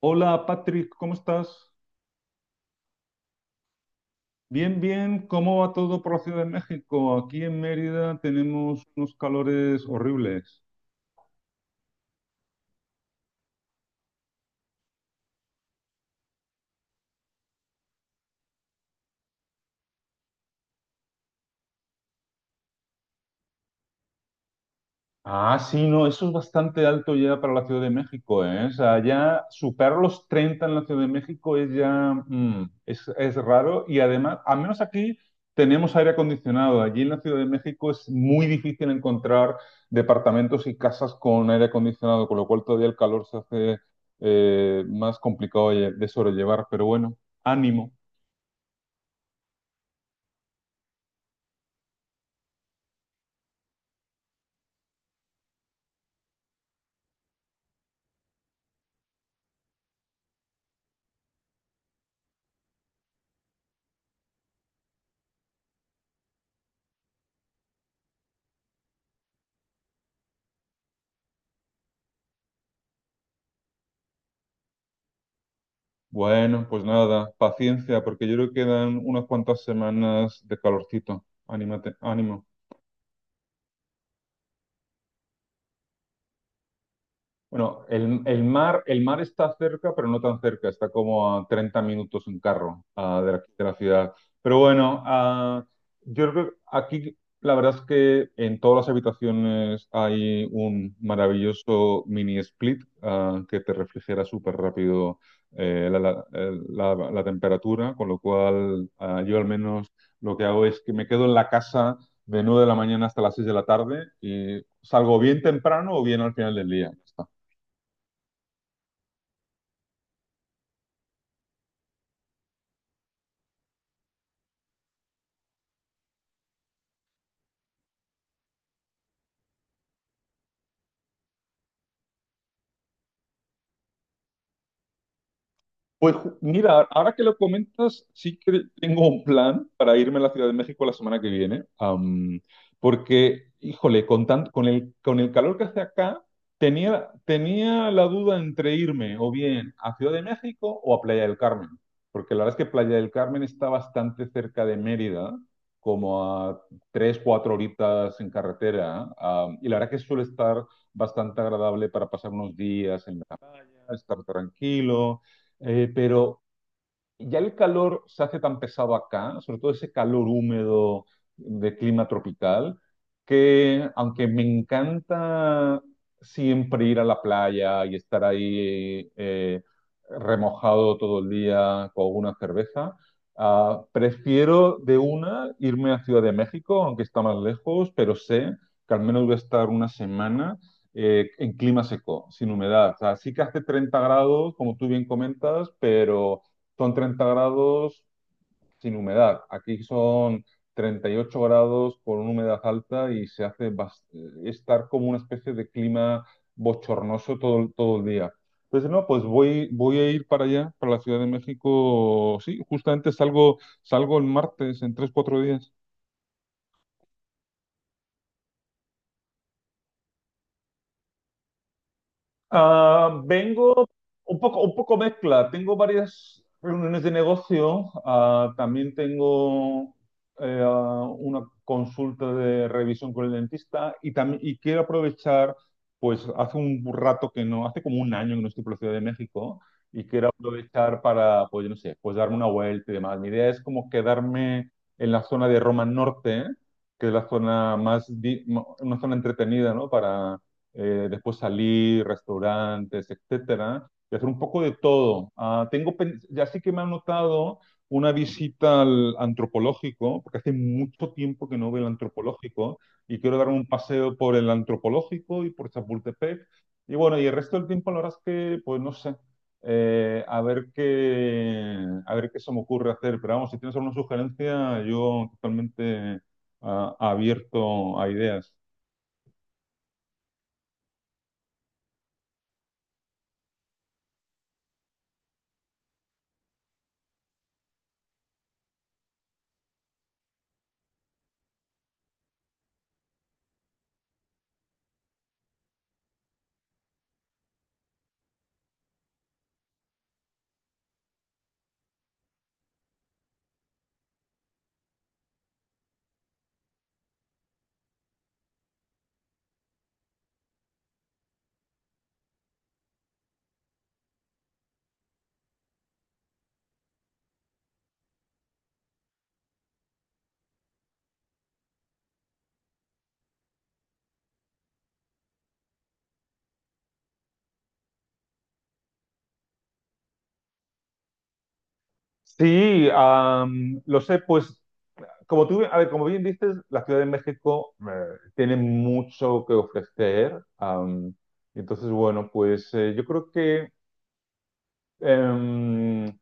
Hola Patrick, ¿cómo estás? Bien, bien, ¿cómo va todo por la Ciudad de México? Aquí en Mérida tenemos unos calores horribles. Ah, sí, no, eso es bastante alto ya para la Ciudad de México, ¿eh? O sea, ya superar los 30 en la Ciudad de México es ya, es raro y además, al menos aquí tenemos aire acondicionado. Allí en la Ciudad de México es muy difícil encontrar departamentos y casas con aire acondicionado, con lo cual todavía el calor se hace más complicado de sobrellevar. Pero bueno, ánimo. Bueno, pues nada, paciencia, porque yo creo que quedan unas cuantas semanas de calorcito. Anímate, ánimo. Bueno, el mar está cerca, pero no tan cerca, está como a 30 minutos en carro de la ciudad. Pero bueno, yo creo que aquí la verdad es que en todas las habitaciones hay un maravilloso mini split que te refrigera súper rápido la temperatura, con lo cual yo al menos lo que hago es que me quedo en la casa de 9 de la mañana hasta las 6 de la tarde y salgo bien temprano o bien al final del día. Pues mira, ahora que lo comentas, sí que tengo un plan para irme a la Ciudad de México la semana que viene, porque, híjole, con el calor que hace acá, tenía la duda entre irme o bien a Ciudad de México o a Playa del Carmen, porque la verdad es que Playa del Carmen está bastante cerca de Mérida, como a 3, 4 horitas en carretera, y la verdad que suele estar bastante agradable para pasar unos días en estar tranquilo, pero ya el calor se hace tan pesado acá, sobre todo ese calor húmedo de clima tropical, que aunque me encanta siempre ir a la playa y estar ahí remojado todo el día con una cerveza, prefiero de una irme a Ciudad de México, aunque está más lejos, pero sé que al menos voy a estar una semana en clima seco, sin humedad. O sea, sí que hace 30 grados, como tú bien comentas, pero son 30 grados sin humedad. Aquí son 38 grados con una humedad alta y se hace estar como una especie de clima bochornoso todo, todo el día. Entonces, no, pues voy a ir para allá, para la Ciudad de México. Sí, justamente salgo el martes en 3, 4 días. Ah, vengo un poco mezcla. Tengo varias reuniones de negocio. Ah, también tengo una consulta de revisión con el dentista y también y quiero aprovechar, pues hace un rato que no, hace como un año que no estoy por la Ciudad de México y quiero aprovechar para, pues yo no sé, pues darme una vuelta y demás. Mi idea es como quedarme en la zona de Roma Norte, que es la zona más, una zona entretenida, ¿no? Después salir, restaurantes, etcétera, y hacer un poco de todo. Ah, tengo, ya sí que me ha notado una visita al antropológico, porque hace mucho tiempo que no veo el antropológico, y quiero darme un paseo por el antropológico y por Chapultepec. Y bueno, y el resto del tiempo, la verdad es que, pues no sé. A ver qué, a ver qué se me ocurre hacer. Pero vamos, si tienes alguna sugerencia, yo totalmente abierto a ideas. Sí, lo sé, pues como tú, a ver, como bien dices, la Ciudad de México tiene mucho que ofrecer. Entonces, bueno, pues yo creo que eh,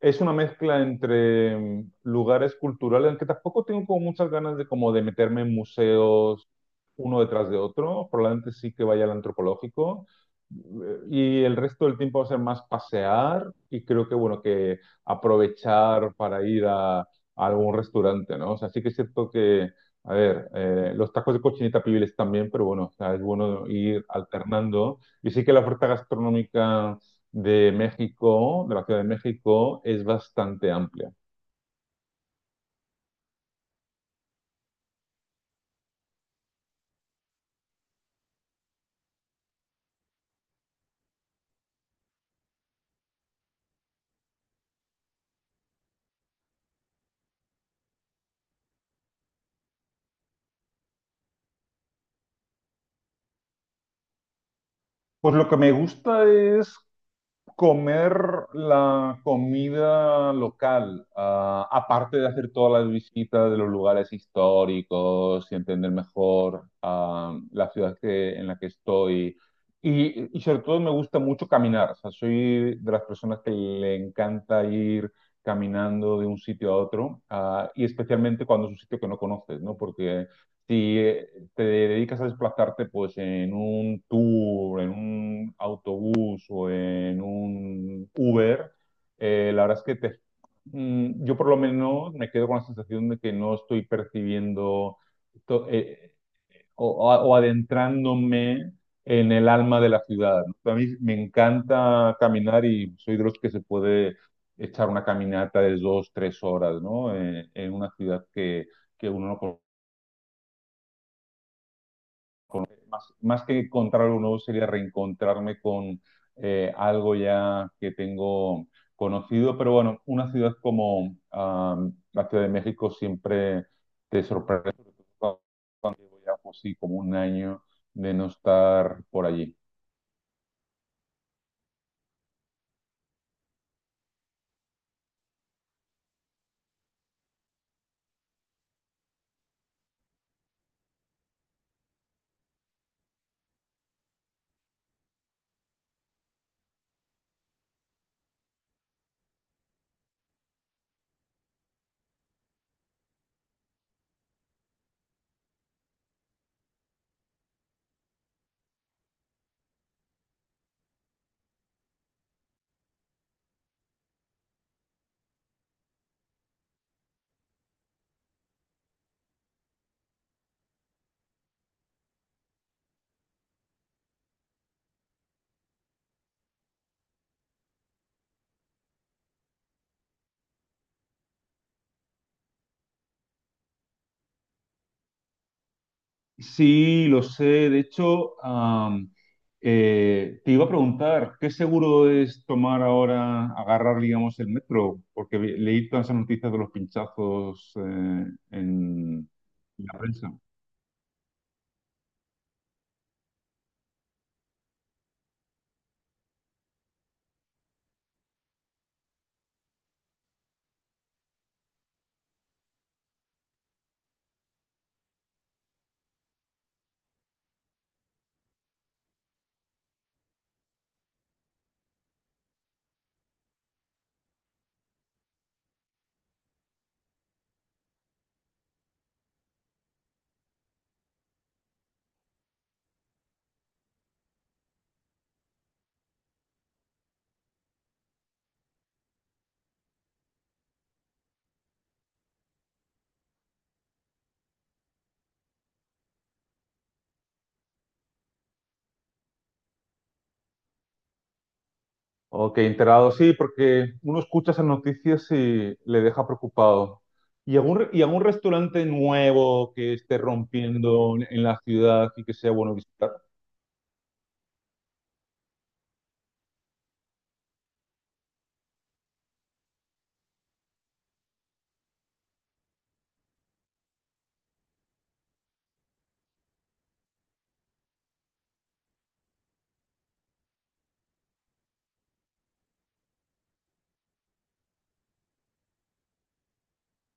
es una mezcla entre lugares culturales, aunque tampoco tengo como muchas ganas de como de meterme en museos uno detrás de otro, probablemente sí que vaya al antropológico. Y el resto del tiempo va a ser más pasear y creo que, bueno, que aprovechar para ir a algún restaurante, ¿no? O sea, sí que es cierto que, a ver, los tacos de cochinita pibil también, pero bueno, o sea, es bueno ir alternando. Y sí que la oferta gastronómica de México, de la Ciudad de México, es bastante amplia. Pues lo que me gusta es comer la comida local, aparte de hacer todas las visitas de los lugares históricos y entender mejor la ciudad en la que estoy. Y sobre todo me gusta mucho caminar, o sea, soy de las personas que le encanta ir caminando de un sitio a otro, y especialmente cuando es un sitio que no conoces, ¿no? Porque si te dedicas a desplazarte pues en un tour, en un autobús o en un Uber, la verdad es que yo por lo menos me quedo con la sensación de que no estoy percibiendo to- eh, o, o adentrándome en el alma de la ciudad. ¿No? A mí me encanta caminar y soy de los que se puede echar una caminata de 2, 3 horas, ¿no? En una ciudad que uno no. Más que encontrar algo nuevo sería reencontrarme con algo ya que tengo conocido, pero bueno, una ciudad como la Ciudad de México siempre te sorprende, sobre todo cuando llevo ya, pues sí, como un año de no estar por allí. Sí, lo sé. De hecho, te iba a preguntar, ¿qué seguro es tomar ahora, agarrar, digamos, el metro? Porque leí todas esas noticias de los pinchazos en la prensa. Ok, enterado, sí, porque uno escucha esas noticias y le deja preocupado. ¿Y algún, y algún restaurante nuevo que esté rompiendo en la ciudad y que sea bueno visitar?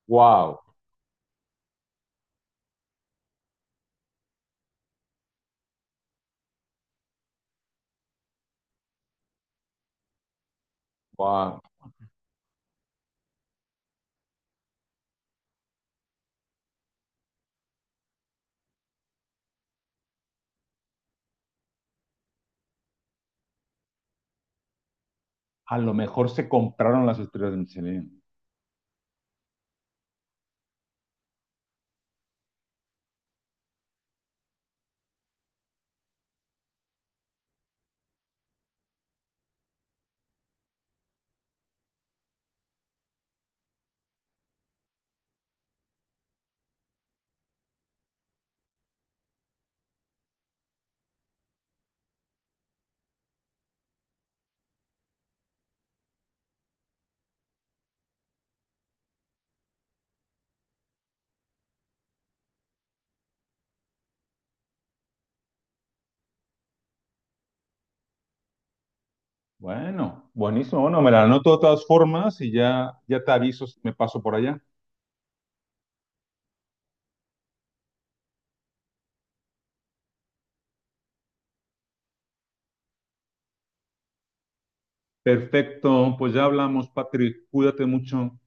¡Wow! ¡Wow! A lo mejor se compraron las estrellas de Michelin. Bueno, buenísimo. Bueno, me la anoto de todas formas y ya, ya te aviso si me paso por allá. Perfecto, pues ya hablamos, Patrick. Cuídate mucho.